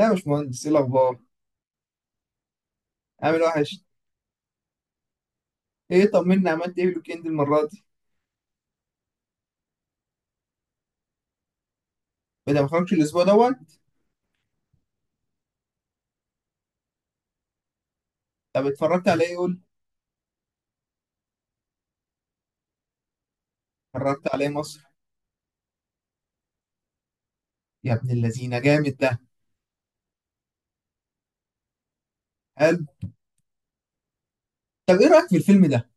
يا باشمهندس، ايه الاخبار؟ عامل وحش. ايه، طمني، عملت ايه في الويكند المره دي؟ بدل ما خرجتش الاسبوع دوت. طب اتفرجت على ايه، قول. اتفرجت على ايه مصر؟ يا ابن اللذينه، جامد ده. حلو. طب ايه رايك في الفيلم ده؟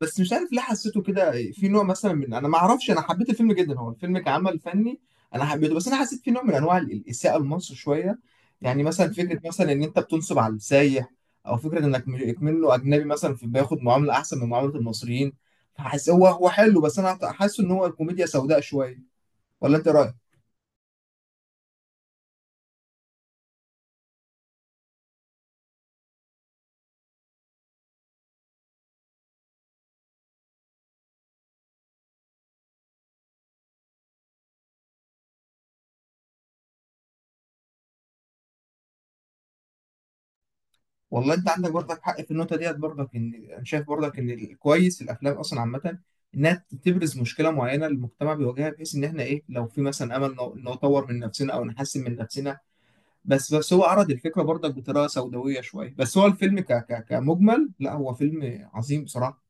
بس مش عارف ليه حسيته كده، في نوع مثلا من، انا ما اعرفش، انا حبيت الفيلم جدا، هو الفيلم كعمل فني انا حبيته، بس انا حسيت في نوع من انواع الاساءه لمصر شويه. يعني مثلا فكره، مثلا ان انت بتنصب على السايح، او فكره انك منه اجنبي مثلا في بياخد معامله احسن من معامله المصريين. فحس هو حلو، بس انا حاسه ان هو كوميديا سوداء شويه. ولا انت رأيك؟ والله انت عندك برضك حق في النقطه ديت، برضك ان انا شايف برضك ان الكويس الافلام اصلا عامه انها تبرز مشكله معينه المجتمع بيواجهها، بحيث ان احنا ايه لو في مثلا امل نطور من نفسنا او نحسن من نفسنا. بس هو عرض الفكره برضك بطريقه سوداويه شويه، بس هو الفيلم ك ك كمجمل لا، هو فيلم عظيم بصراحه.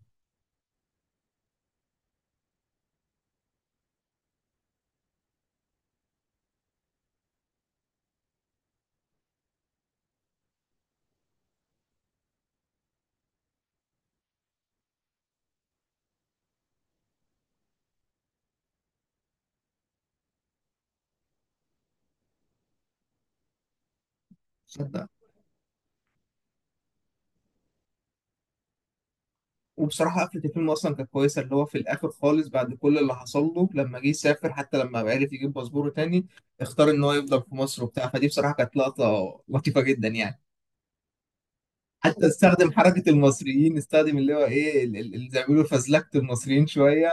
صدق. وبصراحه قفله الفيلم اصلا كانت كويسه، اللي هو في الاخر خالص بعد كل اللي حصل له، لما جه يسافر حتى لما عرف يجيب باسبوره تاني اختار ان هو يفضل في مصر وبتاع. فدي بصراحه كانت لقطه لطيفه جدا يعني. حتى استخدم حركة المصريين، استخدم اللي هو ايه اللي زي ما بيقولوا فزلكة المصريين شوية،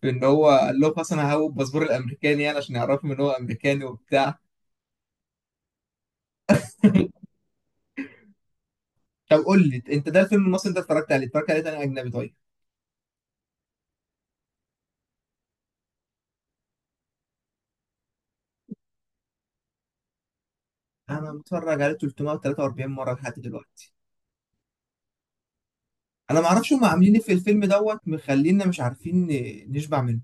في ان هو قال لهم اصل انا هاخد الباسبور الامريكاني، يعني عشان يعرفهم ان هو امريكاني وبتاع. طب قول لي انت، ده الفيلم المصري انت اتفرجت عليه، تاني اجنبي طيب. انا متفرج عليه 343 مرة لحد دلوقتي. انا ما اعرفش هم عاملين ايه في الفيلم دوت، مخلينا مش عارفين نشبع منه.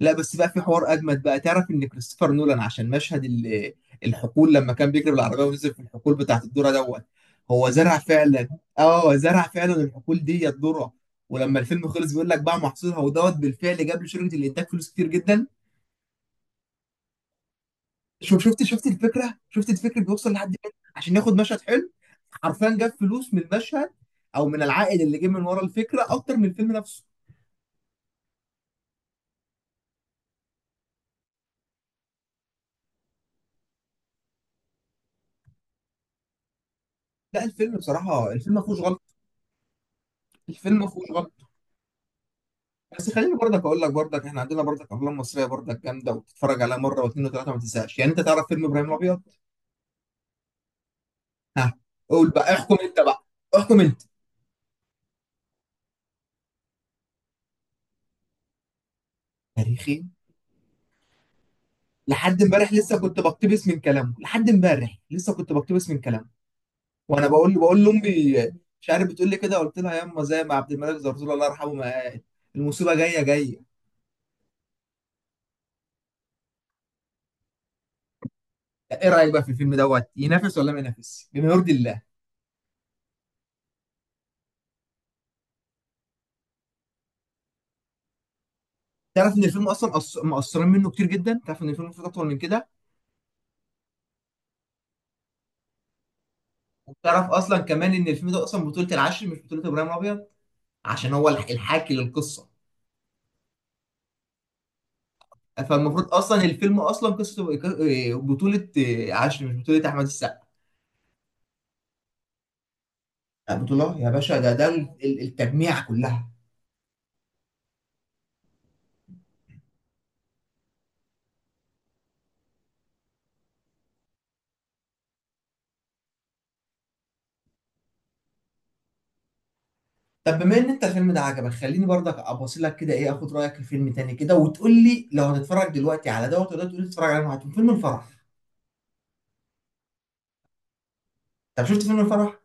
لا بس بقى في حوار اجمد بقى، تعرف ان كريستوفر نولان عشان مشهد الحقول، لما كان بيجري بالعربيه ونزل في الحقول بتاعت الذره دوت هو زرع فعلا. اه، زرع فعلا الحقول دي الذره، ولما الفيلم خلص بيقول لك بقى محصولها ودوت بالفعل جاب لشركه الانتاج فلوس كتير جدا. شوف، شفت الفكره، شفت الفكره بيوصل لحد فين عشان ياخد مشهد حلو. حرفيا جاب فلوس من المشهد، او من العائد اللي جه من ورا الفكره اكتر من الفيلم نفسه. لا الفيلم بصراحه، الفيلم ما فيهوش غلط، الفيلم ما فيهوش غلط. بس خليني برضك اقول لك، برضك احنا عندنا برضك افلام مصريه برضك جامده، وتتفرج عليها مره واثنين وثلاثه ما تنساش، يعني انت تعرف فيلم ابراهيم الابيض. ها. قول بقى، احكم انت بقى، احكم انت. تاريخي. لحد امبارح لسه كنت بقتبس من كلامه، لحد امبارح لسه كنت بقتبس من كلامه. وانا بقول لامي، مش عارف بتقول لي كده، قلت لها ياما زي ما عبد الملك زرزور الله يرحمه ما قال، المصيبه جايه جايه. ايه رايك بقى في الفيلم دوت، ينافس ولا ما ينافسش بما يرضي الله؟ تعرف ان الفيلم اصلا مقصرين منه كتير جدا، تعرف ان الفيلم المفروض اطول من كده. وبتعرف اصلا كمان ان الفيلم ده اصلا بطولة العشر، مش بطولة ابراهيم الابيض، عشان هو الحاكي للقصة. فالمفروض اصلا الفيلم اصلا قصة بطولة عشر، مش بطولة احمد السقا. لا، بطولة يا باشا، ده التجميع كلها. طب بما ان انت الفيلم ده عجبك، خليني برضك ابص لك كده، ايه اخد رايك في فيلم تاني كده، وتقول لي لو هتتفرج دلوقتي على دوت، ولا تقول لي تتفرج على واحد، فيلم الفرح. طب شفت فيلم الفرح؟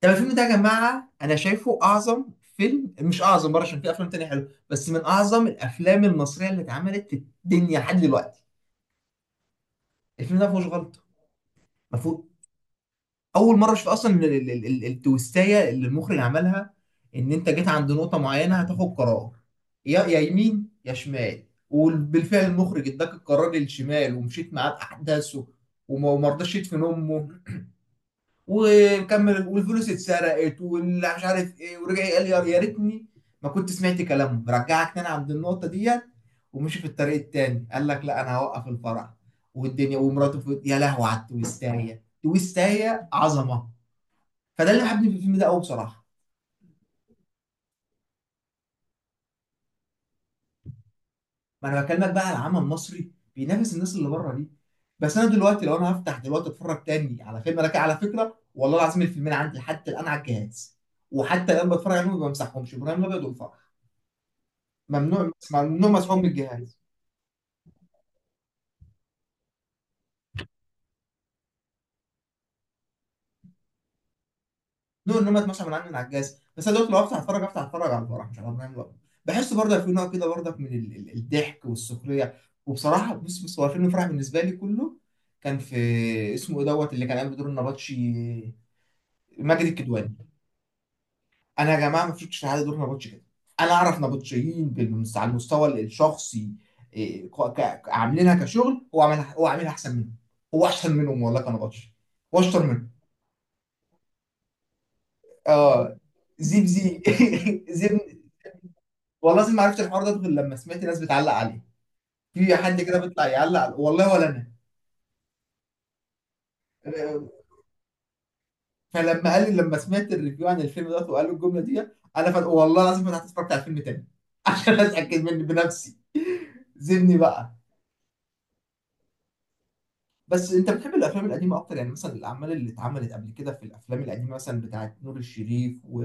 طب الفيلم ده يا جماعة أنا شايفه أعظم فيلم، مش أعظم بره عشان في أفلام تانية حلوة، بس من أعظم الأفلام المصرية اللي اتعملت في الدنيا لحد دلوقتي. الفيلم ده ما فيهوش غلطة، ما فيه. أول مرة أشوف أصلا التويستاية اللي المخرج عملها، إن أنت جيت عند نقطة معينة هتاخد قرار، يا يمين يا شمال. وبالفعل المخرج اداك القرار للشمال ومشيت معاه بأحداثه، وما رضاش يدفن أمه وكمل، والفلوس اتسرقت واللي مش عارف ايه، ورجع قال لي يا ريتني ما كنت سمعت كلامه. رجعك تاني عند النقطه ديت ومشي في الطريق التاني، قال لك لا انا هوقف الفرع، والدنيا ومراته في... يا لهوي على التويستايه، تويستايه عظمه. فده اللي حبني في الفيلم ده قوي بصراحه. ما انا بكلمك بقى على العمل المصري بينافس الناس اللي بره دي. بس انا دلوقتي لو انا هفتح دلوقتي اتفرج تاني على فيلم، انا كده على فكره والله العظيم الفيلمين عندي لحد الان على الجهاز، وحتى الان بتفرج عليهم ما بمسحهمش، ابراهيم الابيض والفار. ممنوع ممنوع، مسحوب من الجهاز. ممنوع ان هم اتمسح من عندي من على الجهاز. بس انا دلوقتي لو افتح اتفرج، افتح اتفرج على الفرح مش على برنامج الأب. بحس برضه في نوع كده برضه من الضحك والسخريه. وبصراحه بص بص، هو فيلم الفرح بالنسبه لي كله، كان في اسمه ايه دوت اللي كان قايم بدور النبطشي، ماجد الكدواني. انا يا جماعه ما شفتش حد دور نبطشي كده. انا اعرف نبطشيين على المستوى الشخصي، إيه، عاملينها كشغل، هو عاملها احسن منهم. هو احسن منهم والله كنبطشي، واشطر منهم. اه، زبزي. زبن. والله العظيم ما عرفت الحوار ده غير لما سمعت ناس بتعلق عليه، في حد كده بيطلع يعلق والله ولا انا. فلما قال لي، لما سمعت الريفيو عن الفيلم ده وقالوا الجمله دي، انا والله العظيم فتحت اتفرجت على الفيلم تاني عشان اتاكد من بنفسي. زبني بقى. بس انت بتحب الافلام القديمه اكتر؟ يعني مثلا الاعمال اللي اتعملت قبل كده في الافلام القديمه مثلا بتاعت نور الشريف و...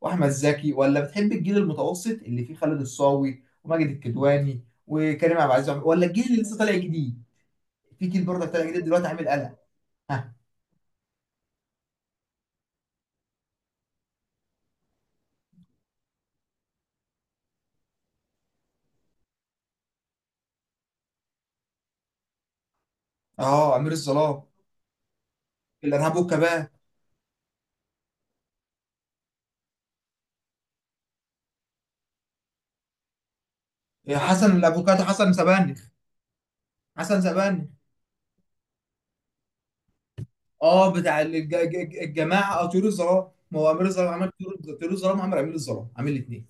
واحمد زكي، ولا بتحب الجيل المتوسط اللي فيه خالد الصاوي وماجد الكدواني وكريم عبد العزيز، ولا الجيل اللي لسه طالع جديد؟ في جيل برضه طالع جديد دلوقتي عامل قلق. ها. اه، امير الظلام. الارهاب والكباب. حسن الافوكاتو، حسن سبانخ. حسن سبانخ. اه بتاع الجماعه، اه طيور الظلام، ما هو امير الظلام عمل طيور، طيور الظلام عمل امير الظلام، عامل الاثنين.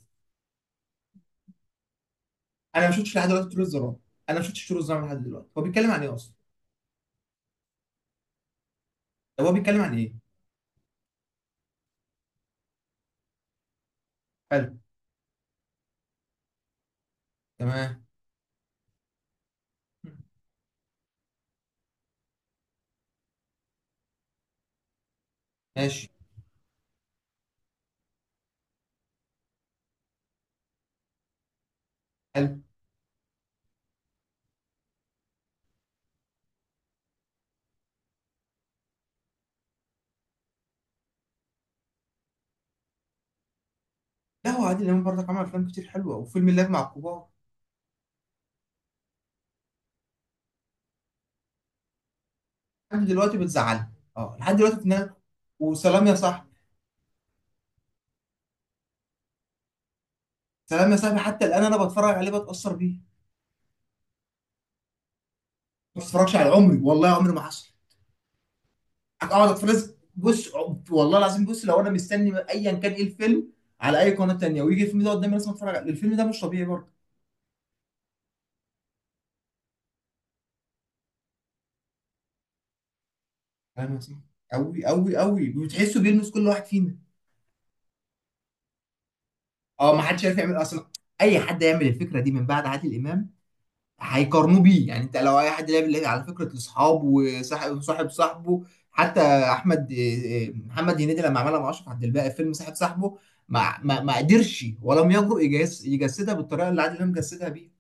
انا ما شفتش لحد دلوقتي طول الظلام، انا ما شفتش طول الظلام لحد دلوقتي، هو بيتكلم عن ايه اصلا؟ طب هو بيتكلم عن ايه؟ حلو. تمام. ماشي. حلو. لا هو عادل امام برضك عمل افلام كتير حلوه، وفيلم اللعب مع الكبار. لحد دلوقتي بتزعلني، اه لحد دلوقتي بتنام. وسلام يا صاحبي. سلام يا صاحبي حتى الان انا بتفرج عليه بتاثر بيه. ما بتفرجش على عمري، والله عمري ما حصل اقعد اتفرج. بص، والله العظيم بص لو انا مستني ايا كان ايه الفيلم على اي قناه تانيه، ويجي الفيلم ده قدامي لازم اتفرج عليه، الفيلم ده مش طبيعي برضه. فاهم. قوي قوي قوي بتحسه بيلمس كل واحد فينا. اه، ما حدش عارف يعمل اصلا. اي حد يعمل الفكره دي من بعد عادل امام هيقارنوه بيه، يعني انت لو اي حد لعب، لعب على فكره الاصحاب وصاحب صاحب صاحبه، حتى احمد إيه، إيه، محمد هنيدي لما عملها مع اشرف عبد الباقي في فيلم صاحب صاحبه، ما قدرش ولم يجرؤ يجسدها بالطريقه اللي عادل امام جسدها بيها.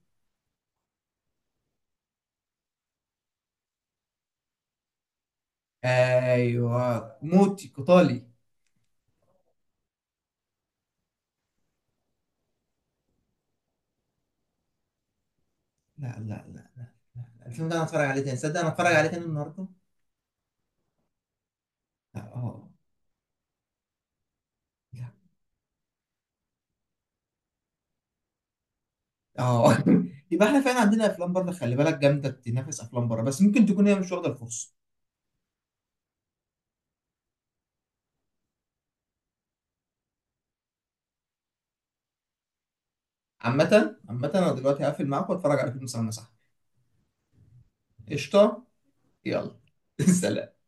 ايوه، موتي قطالي. لا لا لا. لا الفيلم ده انا اتفرج عليه تاني، تصدق انا اتفرج عليه تاني النهارده. لا، اه. اه. يبقى احنا فعلا عندنا افلام بره خلي بالك جامده تنافس افلام بره، بس ممكن تكون هي مش واخده الفرصه. عامه انا دلوقتي هقفل معاك واتفرج على فيلم سلام يا صاحبي. قشطه. يلا. سلام.